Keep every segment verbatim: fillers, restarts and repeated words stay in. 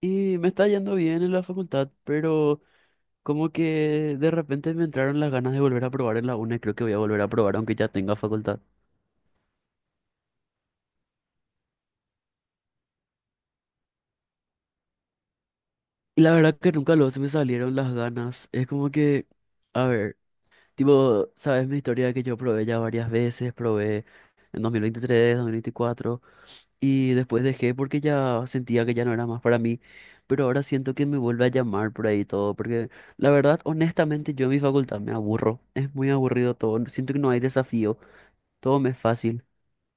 Y me está yendo bien en la facultad, pero como que de repente me entraron las ganas de volver a probar en la UNA y creo que voy a volver a probar aunque ya tenga facultad. Y la verdad que nunca luego se me salieron las ganas. Es como que, a ver, tipo, sabes mi historia de que yo probé ya varias veces, probé en dos mil veintitrés, dos mil veinticuatro y después dejé porque ya sentía que ya no era más para mí. Pero ahora siento que me vuelve a llamar por ahí todo, porque la verdad, honestamente, yo en mi facultad me aburro. Es muy aburrido todo. Siento que no hay desafío. Todo me es fácil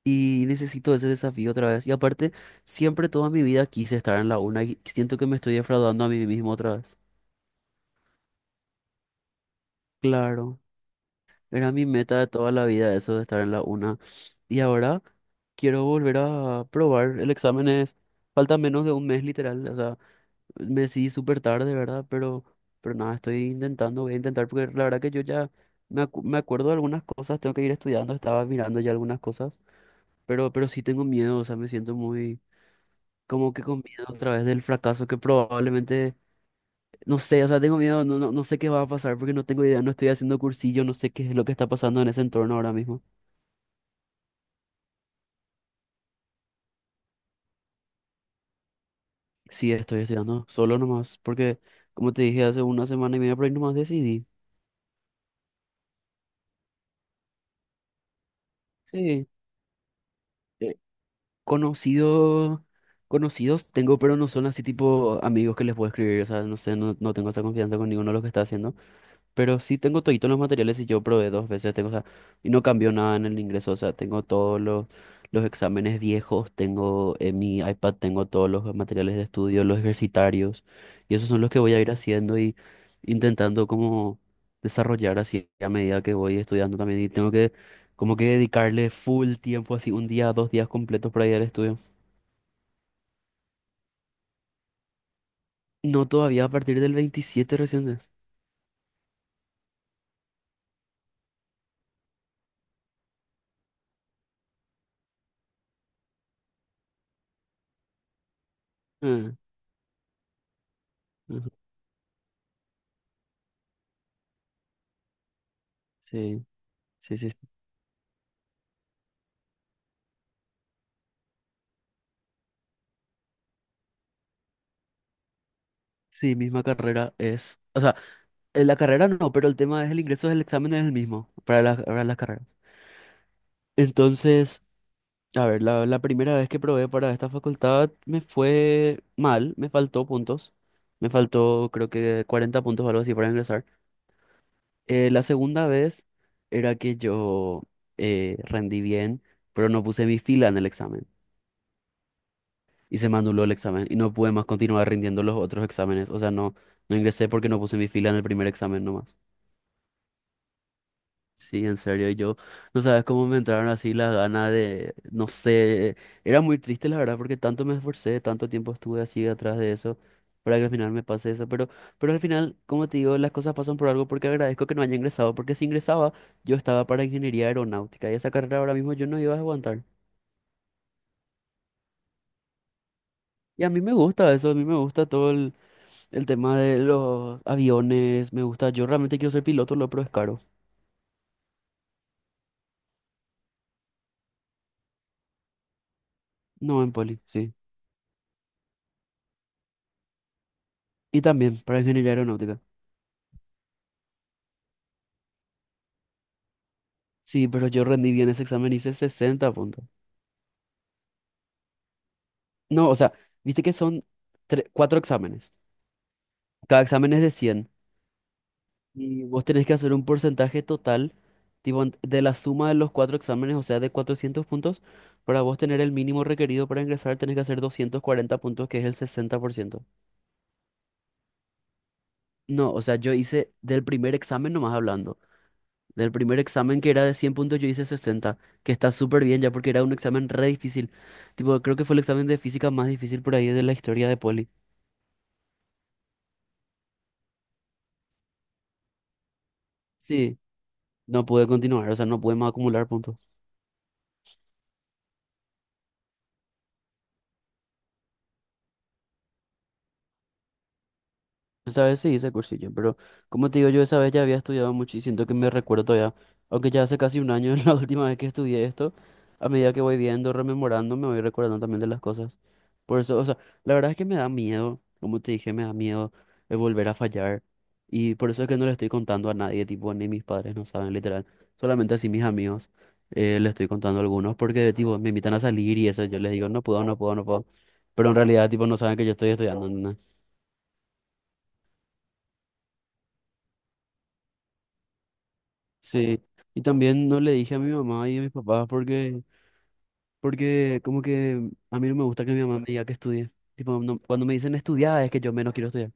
y necesito ese desafío otra vez. Y aparte, siempre toda mi vida quise estar en la una y siento que me estoy defraudando a mí mismo otra vez. Claro, era mi meta de toda la vida eso de estar en la una. Y ahora quiero volver a probar. El examen es, falta menos de un mes literal, o sea, me decidí súper tarde, ¿verdad? Pero, pero nada, estoy intentando, voy a intentar porque la verdad que yo ya... Me, acu- me acuerdo de algunas cosas, tengo que ir estudiando, estaba mirando ya algunas cosas, pero, pero sí tengo miedo, o sea, me siento muy, como que con miedo otra vez del fracaso que probablemente, no sé, o sea, tengo miedo, no, no, no sé qué va a pasar porque no tengo idea, no estoy haciendo cursillo, no sé qué es lo que está pasando en ese entorno ahora mismo. Sí, estoy estudiando solo nomás, porque como te dije hace una semana y media por ahí nomás decidí. Sí, eh, conocido, conocidos tengo, pero no son así tipo amigos que les puedo escribir, o sea, no sé, no, no tengo esa confianza con ninguno de los que está haciendo. Pero sí tengo toditos los materiales y yo probé dos veces, tengo, o sea, y no cambió nada en el ingreso, o sea, tengo todos los, los, exámenes viejos, tengo en mi iPad, tengo todos los materiales de estudio, los ejercitarios, y esos son los que voy a ir haciendo y intentando como desarrollar así a medida que voy estudiando también, y tengo que como que dedicarle full tiempo, así un día, dos días completos para ir al estudio. No todavía a partir del veintisiete recién es. Ah, ujú. Sí, sí, sí. Sí, sí, misma carrera es, o sea, en la carrera no, pero el tema es el ingreso del examen es el mismo para las, para las, carreras. Entonces, a ver, la, la primera vez que probé para esta facultad me fue mal, me faltó puntos. Me faltó creo que cuarenta puntos o algo así para ingresar. Eh, la segunda vez era que yo eh, rendí bien, pero no puse mi fila en el examen y se me anuló el examen y no pude más continuar rindiendo los otros exámenes. O sea, no, no ingresé porque no puse mi fila en el primer examen nomás. Sí, en serio, y yo no sabes cómo me entraron así las ganas de, no sé, era muy triste la verdad porque tanto me esforcé, tanto tiempo estuve así atrás de eso para que al final me pase eso, pero, pero al final, como te digo, las cosas pasan por algo porque agradezco que no haya ingresado, porque si ingresaba yo estaba para ingeniería aeronáutica y esa carrera ahora mismo yo no iba a aguantar. Y a mí me gusta eso, a mí me gusta todo el, el tema de los aviones, me gusta, yo realmente quiero ser piloto, lo pero es caro. No, en Poli, sí. Y también para ingeniería aeronáutica. Sí, pero yo rendí bien ese examen, hice sesenta puntos. No, o sea, viste que son tre- cuatro exámenes. Cada examen es de cien. Y vos tenés que hacer un porcentaje total, tipo, ent- de la suma de los cuatro exámenes, o sea, de cuatrocientos puntos. Para vos tener el mínimo requerido para ingresar, tenés que hacer doscientos cuarenta puntos, que es el sesenta por ciento. No, o sea, yo hice del primer examen, nomás hablando. Del primer examen que era de cien puntos, yo hice sesenta, que está súper bien ya porque era un examen re difícil. Tipo, creo que fue el examen de física más difícil por ahí de la historia de Poli. Sí, no pude continuar, o sea, no pude más acumular puntos. Esa vez sí hice cursillo, pero como te digo, yo esa vez ya había estudiado mucho y siento que me recuerdo todavía, aunque ya hace casi un año la última vez que estudié esto, a medida que voy viendo, rememorando, me voy recordando también de las cosas. Por eso, o sea, la verdad es que me da miedo, como te dije, me da miedo de volver a fallar y por eso es que no le estoy contando a nadie, tipo, ni mis padres no saben, literal, solamente así mis amigos eh, le estoy contando a algunos porque, tipo, me invitan a salir y eso, yo les digo, no puedo, no puedo, no puedo, pero en realidad, tipo, no saben que yo estoy estudiando, ¿no? Sí, y también no le dije a mi mamá y a mis papás porque, porque como que a mí no me gusta que mi mamá me diga que estudie. Tipo, no- cuando me dicen estudiar es que yo menos quiero estudiar.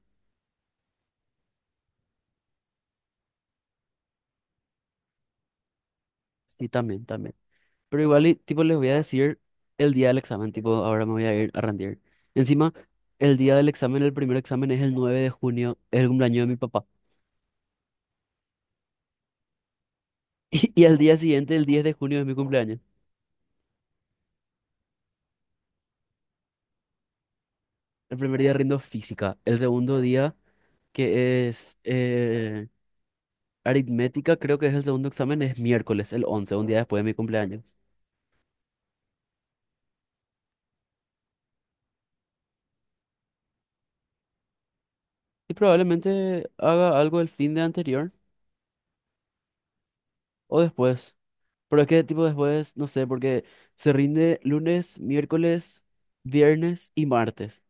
Sí, también, también. Pero igual, y, tipo, les voy a decir el día del examen, tipo, ahora me voy a ir a rendir. Encima, el día del examen, el primer examen es el nueve de junio, es el cumpleaños de mi papá. Y, y al día siguiente, el diez de junio, es mi cumpleaños. El primer día rindo física, el segundo día, que es... eh, Aritmética creo que es el segundo examen, es miércoles, el once un día después de mi cumpleaños. Y probablemente haga algo el fin de anterior o después. Pero es que tipo después, no sé, porque se rinde lunes, miércoles, viernes y martes.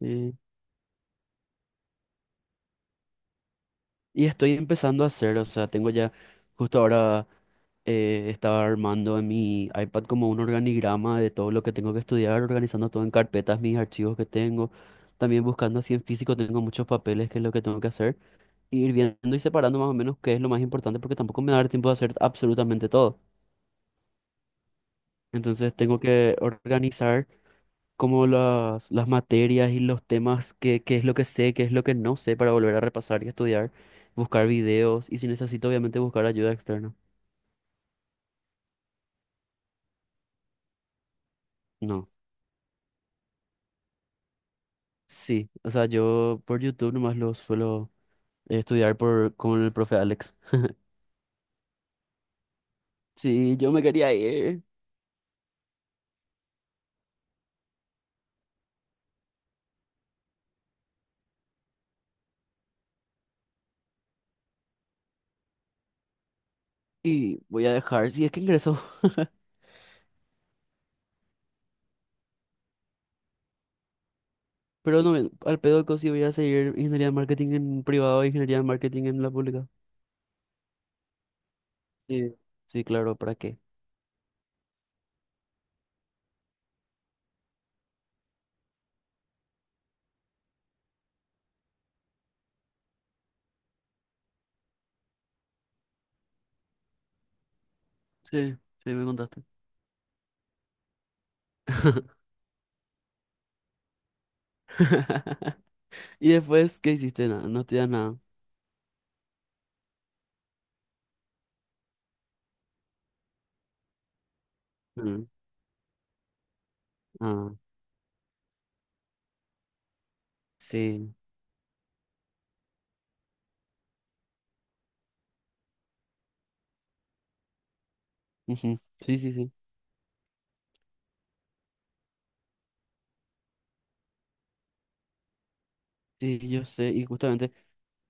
Sí. Y estoy empezando a hacer, o sea, tengo ya, justo ahora eh, estaba armando en mi iPad como un organigrama de todo lo que tengo que estudiar, organizando todo en carpetas, mis archivos que tengo. También buscando así en físico, tengo muchos papeles que es lo que tengo que hacer. Ir viendo y separando más o menos qué es lo más importante porque tampoco me va a dar tiempo de hacer absolutamente todo. Entonces tengo que organizar como las, las, materias y los temas, qué, qué es lo que sé, qué es lo que no sé para volver a repasar y estudiar, buscar videos y si necesito obviamente buscar ayuda externa. No, sí, o sea, yo por YouTube nomás lo suelo eh, estudiar por, con el profe Alex. Sí, yo me quería ir y voy a dejar, si es que ingreso. Pero no, al pedo que sí voy a seguir ingeniería de marketing en privado e ingeniería de marketing en la pública. Sí, sí, claro, ¿para qué? Sí, sí, me contaste. Y después, ¿qué hiciste? Nada, no estudias nada. Mm. Ah, sí. Ujú, sí, sí, sí. Sí, yo sé. Y justamente,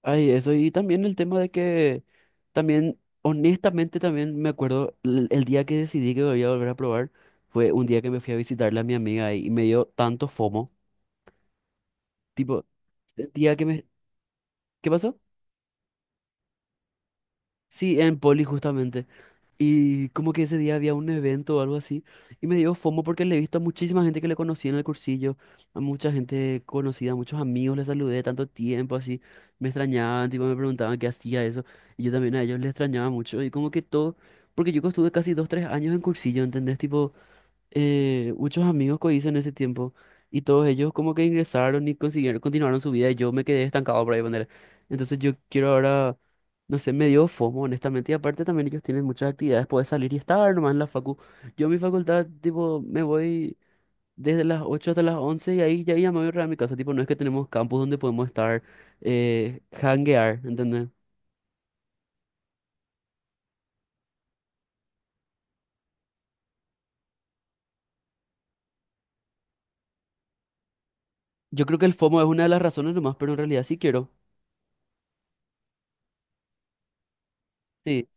ay, eso. Y también el tema de que también, honestamente, también me acuerdo el, el día que decidí que voy a volver a probar fue un día que me fui a visitarle a mi amiga ahí, y me dio tanto FOMO. Tipo, sentía que me, ¿qué pasó? Sí, en Poli justamente. Y como que ese día había un evento o algo así. Y me dio FOMO porque le he visto a muchísima gente que le conocí en el cursillo. A mucha gente conocida, a muchos amigos le saludé tanto tiempo así. Me extrañaban, tipo me preguntaban qué hacía eso. Y yo también a ellos les extrañaba mucho. Y como que todo... Porque yo estuve casi dos, tres años en cursillo, ¿entendés? Tipo, eh, muchos amigos que hice en ese tiempo. Y todos ellos como que ingresaron y consiguieron, continuaron su vida. Y yo me quedé estancado por ahí, poner. Entonces yo quiero ahora, no sé, me dio FOMO, honestamente. Y aparte también ellos tienen muchas actividades, puedes salir y estar nomás en la facu. Yo a mi facultad, tipo, me voy desde las ocho hasta las once y ahí ya, ya me voy a mi casa. Tipo, no es que tenemos campus donde podemos estar, eh, hanguear, ¿entendés? Yo creo que el FOMO es una de las razones nomás, pero en realidad sí quiero. Sí,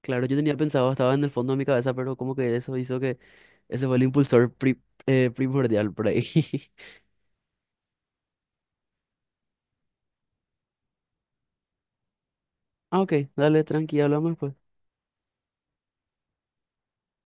claro, yo tenía pensado, estaba en el fondo de mi cabeza, pero como que eso hizo que ese fue el impulsor pri- eh, primordial por ahí. Ah, ok, dale, tranqui, hablamos pues